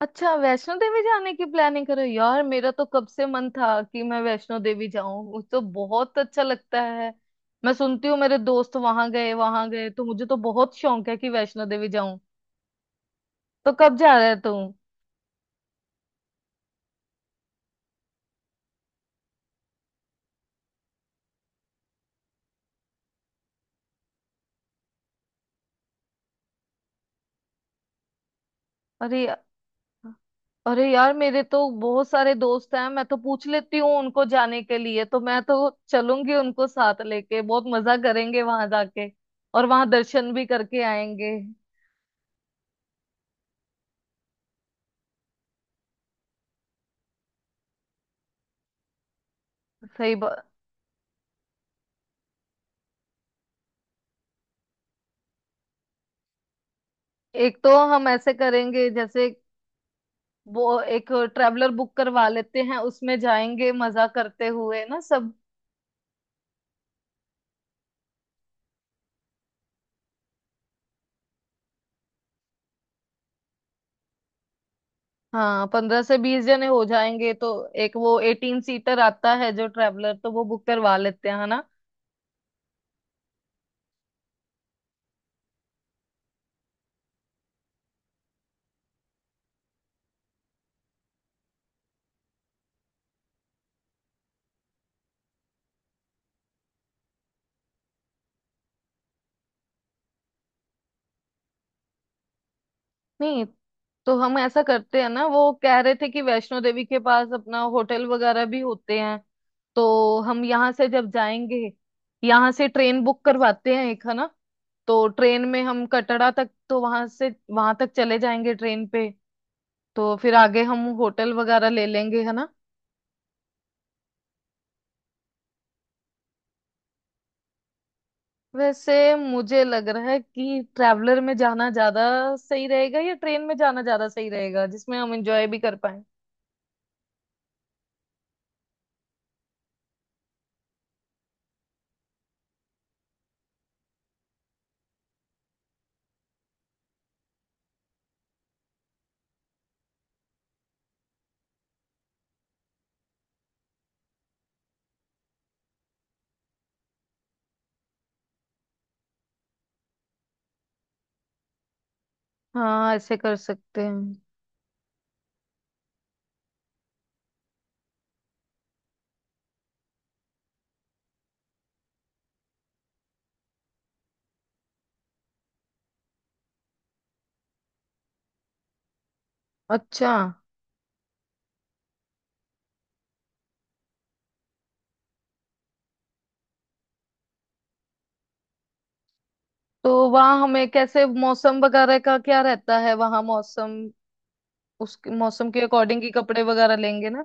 अच्छा। वैष्णो देवी जाने की प्लानिंग करो यार। मेरा तो कब से मन था कि मैं वैष्णो देवी जाऊं। मुझे तो बहुत अच्छा लगता है। मैं सुनती हूँ मेरे दोस्त वहां गए तो मुझे तो बहुत शौक है कि वैष्णो देवी जाऊं। तो कब जा रहे है तू? अरे या- अरे यार, मेरे तो बहुत सारे दोस्त हैं, मैं तो पूछ लेती हूँ उनको जाने के लिए, तो मैं तो चलूंगी उनको साथ लेके। बहुत मजा करेंगे वहां जाके, और वहां दर्शन भी करके आएंगे। सही बात। एक तो हम ऐसे करेंगे, जैसे वो एक ट्रेवलर बुक करवा लेते हैं, उसमें जाएंगे मजा करते हुए ना सब। हाँ, 15 से 20 जने हो जाएंगे, तो एक वो 18 सीटर आता है जो ट्रेवलर, तो वो बुक करवा लेते हैं, है ना? नहीं, तो हम ऐसा करते हैं ना, वो कह रहे थे कि वैष्णो देवी के पास अपना होटल वगैरह भी होते हैं। तो हम यहाँ से जब जाएंगे, यहाँ से ट्रेन बुक करवाते हैं एक, है ना? तो ट्रेन में हम कटरा तक, तो वहां से वहां तक चले जाएंगे ट्रेन पे। तो फिर आगे हम होटल वगैरह ले लेंगे, है ना? वैसे मुझे लग रहा है कि ट्रैवलर में जाना ज्यादा सही रहेगा या ट्रेन में जाना ज्यादा सही रहेगा, जिसमें हम एंजॉय भी कर पाए। हाँ, ऐसे कर सकते हैं। अच्छा, तो वहाँ हमें कैसे? मौसम वगैरह का क्या रहता है वहाँ? मौसम, उस मौसम के अकॉर्डिंग ही कपड़े वगैरह लेंगे ना।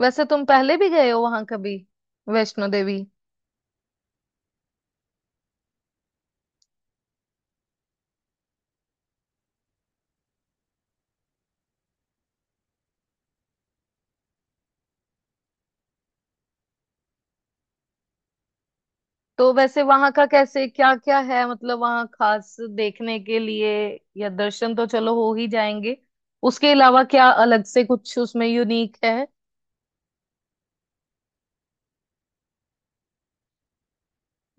वैसे तुम पहले भी गए हो वहाँ कभी, वैष्णो देवी? तो वैसे वहां का कैसे? क्या क्या है, मतलब वहां खास देखने के लिए? या दर्शन तो चलो हो ही जाएंगे, उसके अलावा क्या अलग से कुछ उसमें यूनिक है?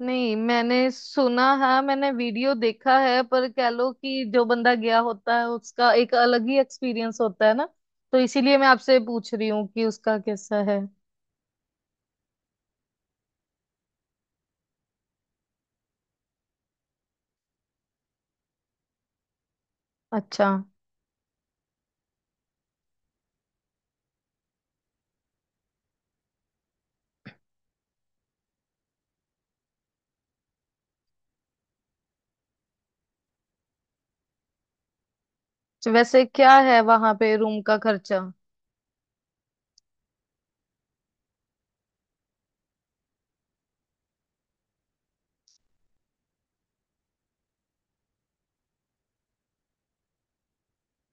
नहीं, मैंने सुना है, मैंने वीडियो देखा है, पर कह लो कि जो बंदा गया होता है उसका एक अलग ही एक्सपीरियंस होता है ना, तो इसीलिए मैं आपसे पूछ रही हूँ कि उसका कैसा है। अच्छा, तो वैसे क्या है वहां पे रूम का खर्चा?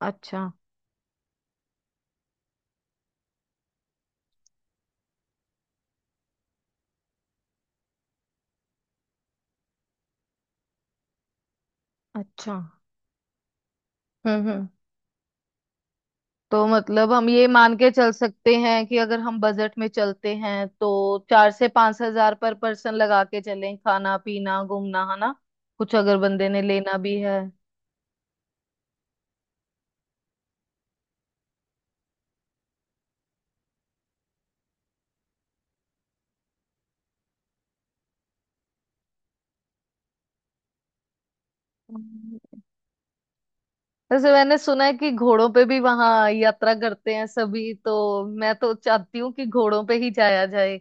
अच्छा। अच्छा। हम्म। तो मतलब हम ये मान के चल सकते हैं कि अगर हम बजट में चलते हैं तो 4 से 5 हजार पर पर्सन लगा के चलें, खाना पीना घूमना, है ना? कुछ अगर बंदे ने लेना भी है। हम्म। वैसे मैंने सुना है कि घोड़ों पे भी वहां यात्रा करते हैं सभी, तो मैं तो चाहती हूँ कि घोड़ों पे ही जाया जाए।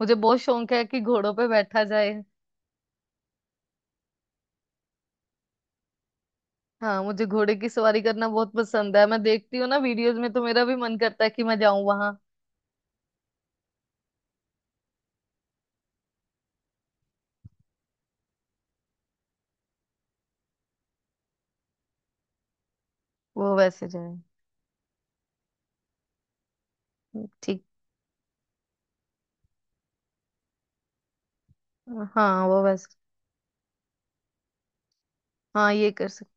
मुझे बहुत शौक है कि घोड़ों पे बैठा जाए। हाँ, मुझे घोड़े की सवारी करना बहुत पसंद है। मैं देखती हूँ ना वीडियोस में, तो मेरा भी मन करता है कि मैं जाऊं वहां। वो वैसे जाए। ठीक। हाँ, वो बस। हाँ, ये कर सकते।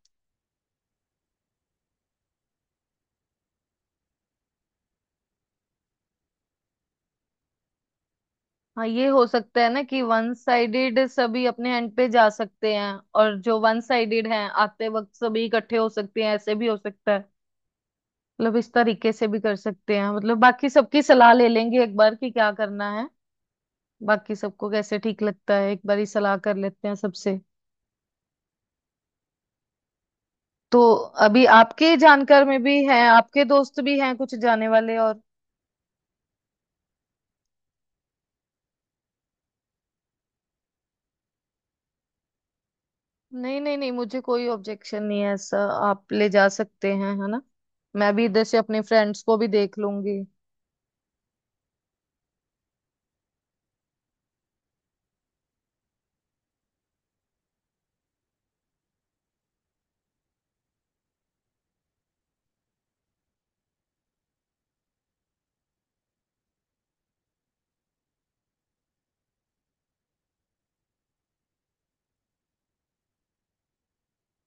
हाँ, ये हो सकता है ना कि वन साइडेड सभी अपने एंड पे जा सकते हैं, और जो वन साइडेड हैं आते वक्त सभी इकट्ठे हो सकते हैं, ऐसे भी हो सकता है। मतलब इस तरीके से भी कर सकते हैं, मतलब बाकी सबकी सलाह ले लेंगे एक बार कि क्या करना है। बाकी सबको कैसे ठीक लगता है, एक बार ही सलाह कर लेते हैं सबसे। तो अभी आपके जानकार में भी हैं, आपके दोस्त भी हैं कुछ जाने वाले? और नहीं नहीं नहीं, मुझे कोई ऑब्जेक्शन नहीं है ऐसा। आप ले जा सकते हैं, है ना? मैं भी इधर से अपने फ्रेंड्स को भी देख लूंगी।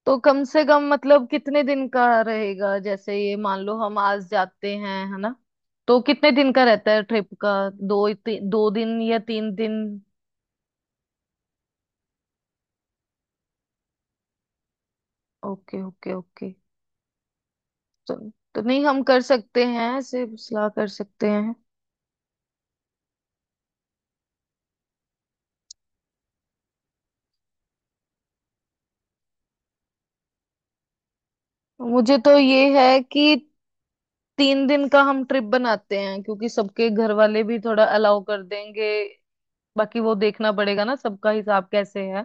तो कम से कम मतलब कितने दिन का रहेगा? जैसे ये मान लो हम आज जाते हैं है ना, तो कितने दिन का रहता है ट्रिप का? 2 दिन या 3 दिन? Okay okay okay. तो, तो नहीं, हम कर सकते हैं ऐसे, सलाह कर सकते हैं। मुझे तो ये है कि 3 दिन का हम ट्रिप बनाते हैं, क्योंकि सबके घर वाले भी थोड़ा अलाउ कर देंगे। बाकी वो देखना पड़ेगा ना सबका हिसाब कैसे है,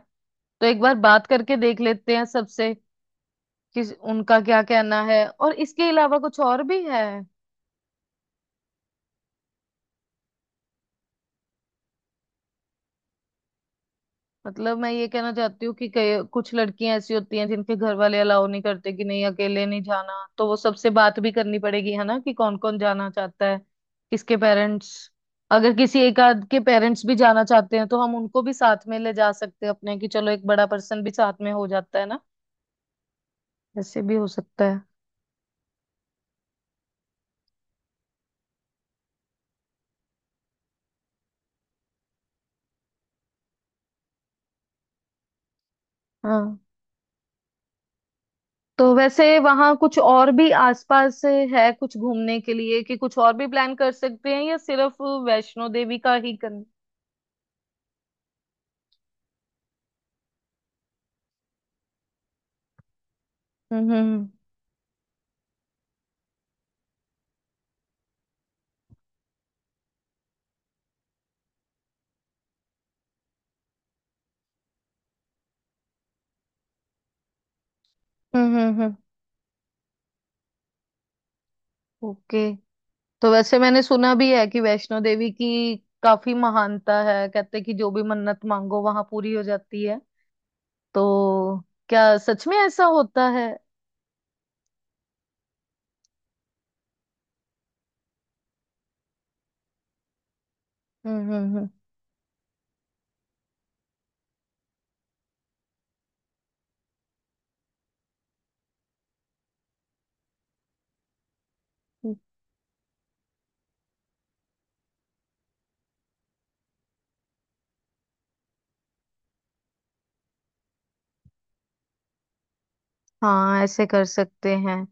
तो एक बार बात करके देख लेते हैं सबसे कि उनका क्या कहना है, और इसके अलावा कुछ और भी है। मतलब मैं ये कहना चाहती हूँ कि कई कुछ लड़कियां ऐसी होती हैं जिनके घर वाले अलाउ नहीं करते कि नहीं अकेले नहीं जाना, तो वो सबसे बात भी करनी पड़ेगी है ना कि कौन कौन जाना चाहता है, किसके पेरेंट्स। अगर किसी एक आध के पेरेंट्स भी जाना चाहते हैं तो हम उनको भी साथ में ले जा सकते हैं अपने, कि चलो एक बड़ा पर्सन भी साथ में हो जाता है ना, ऐसे भी हो सकता है। हाँ, तो वैसे वहां कुछ और भी आसपास है कुछ घूमने के लिए, कि कुछ और भी प्लान कर सकते हैं, या सिर्फ वैष्णो देवी का ही करना? हम्म हम्म हम्म। हम्म। ओके। तो वैसे मैंने सुना भी है कि वैष्णो देवी की काफी महानता है, कहते हैं कि जो भी मन्नत मांगो वहां पूरी हो जाती है, तो क्या सच में ऐसा होता है? हम्म हम्म हम्म। हाँ, ऐसे कर सकते हैं।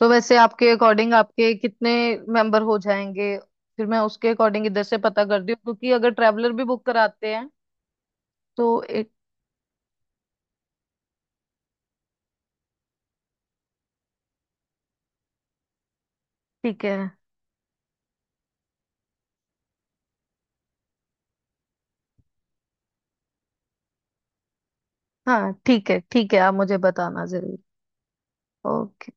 तो वैसे आपके अकॉर्डिंग आपके कितने मेंबर हो जाएंगे? फिर मैं उसके अकॉर्डिंग इधर से पता करती हूँ, क्योंकि अगर ट्रैवलर भी बुक कराते हैं तो एक। ठीक है, हाँ ठीक है ठीक है, आप मुझे बताना जरूर। ओके।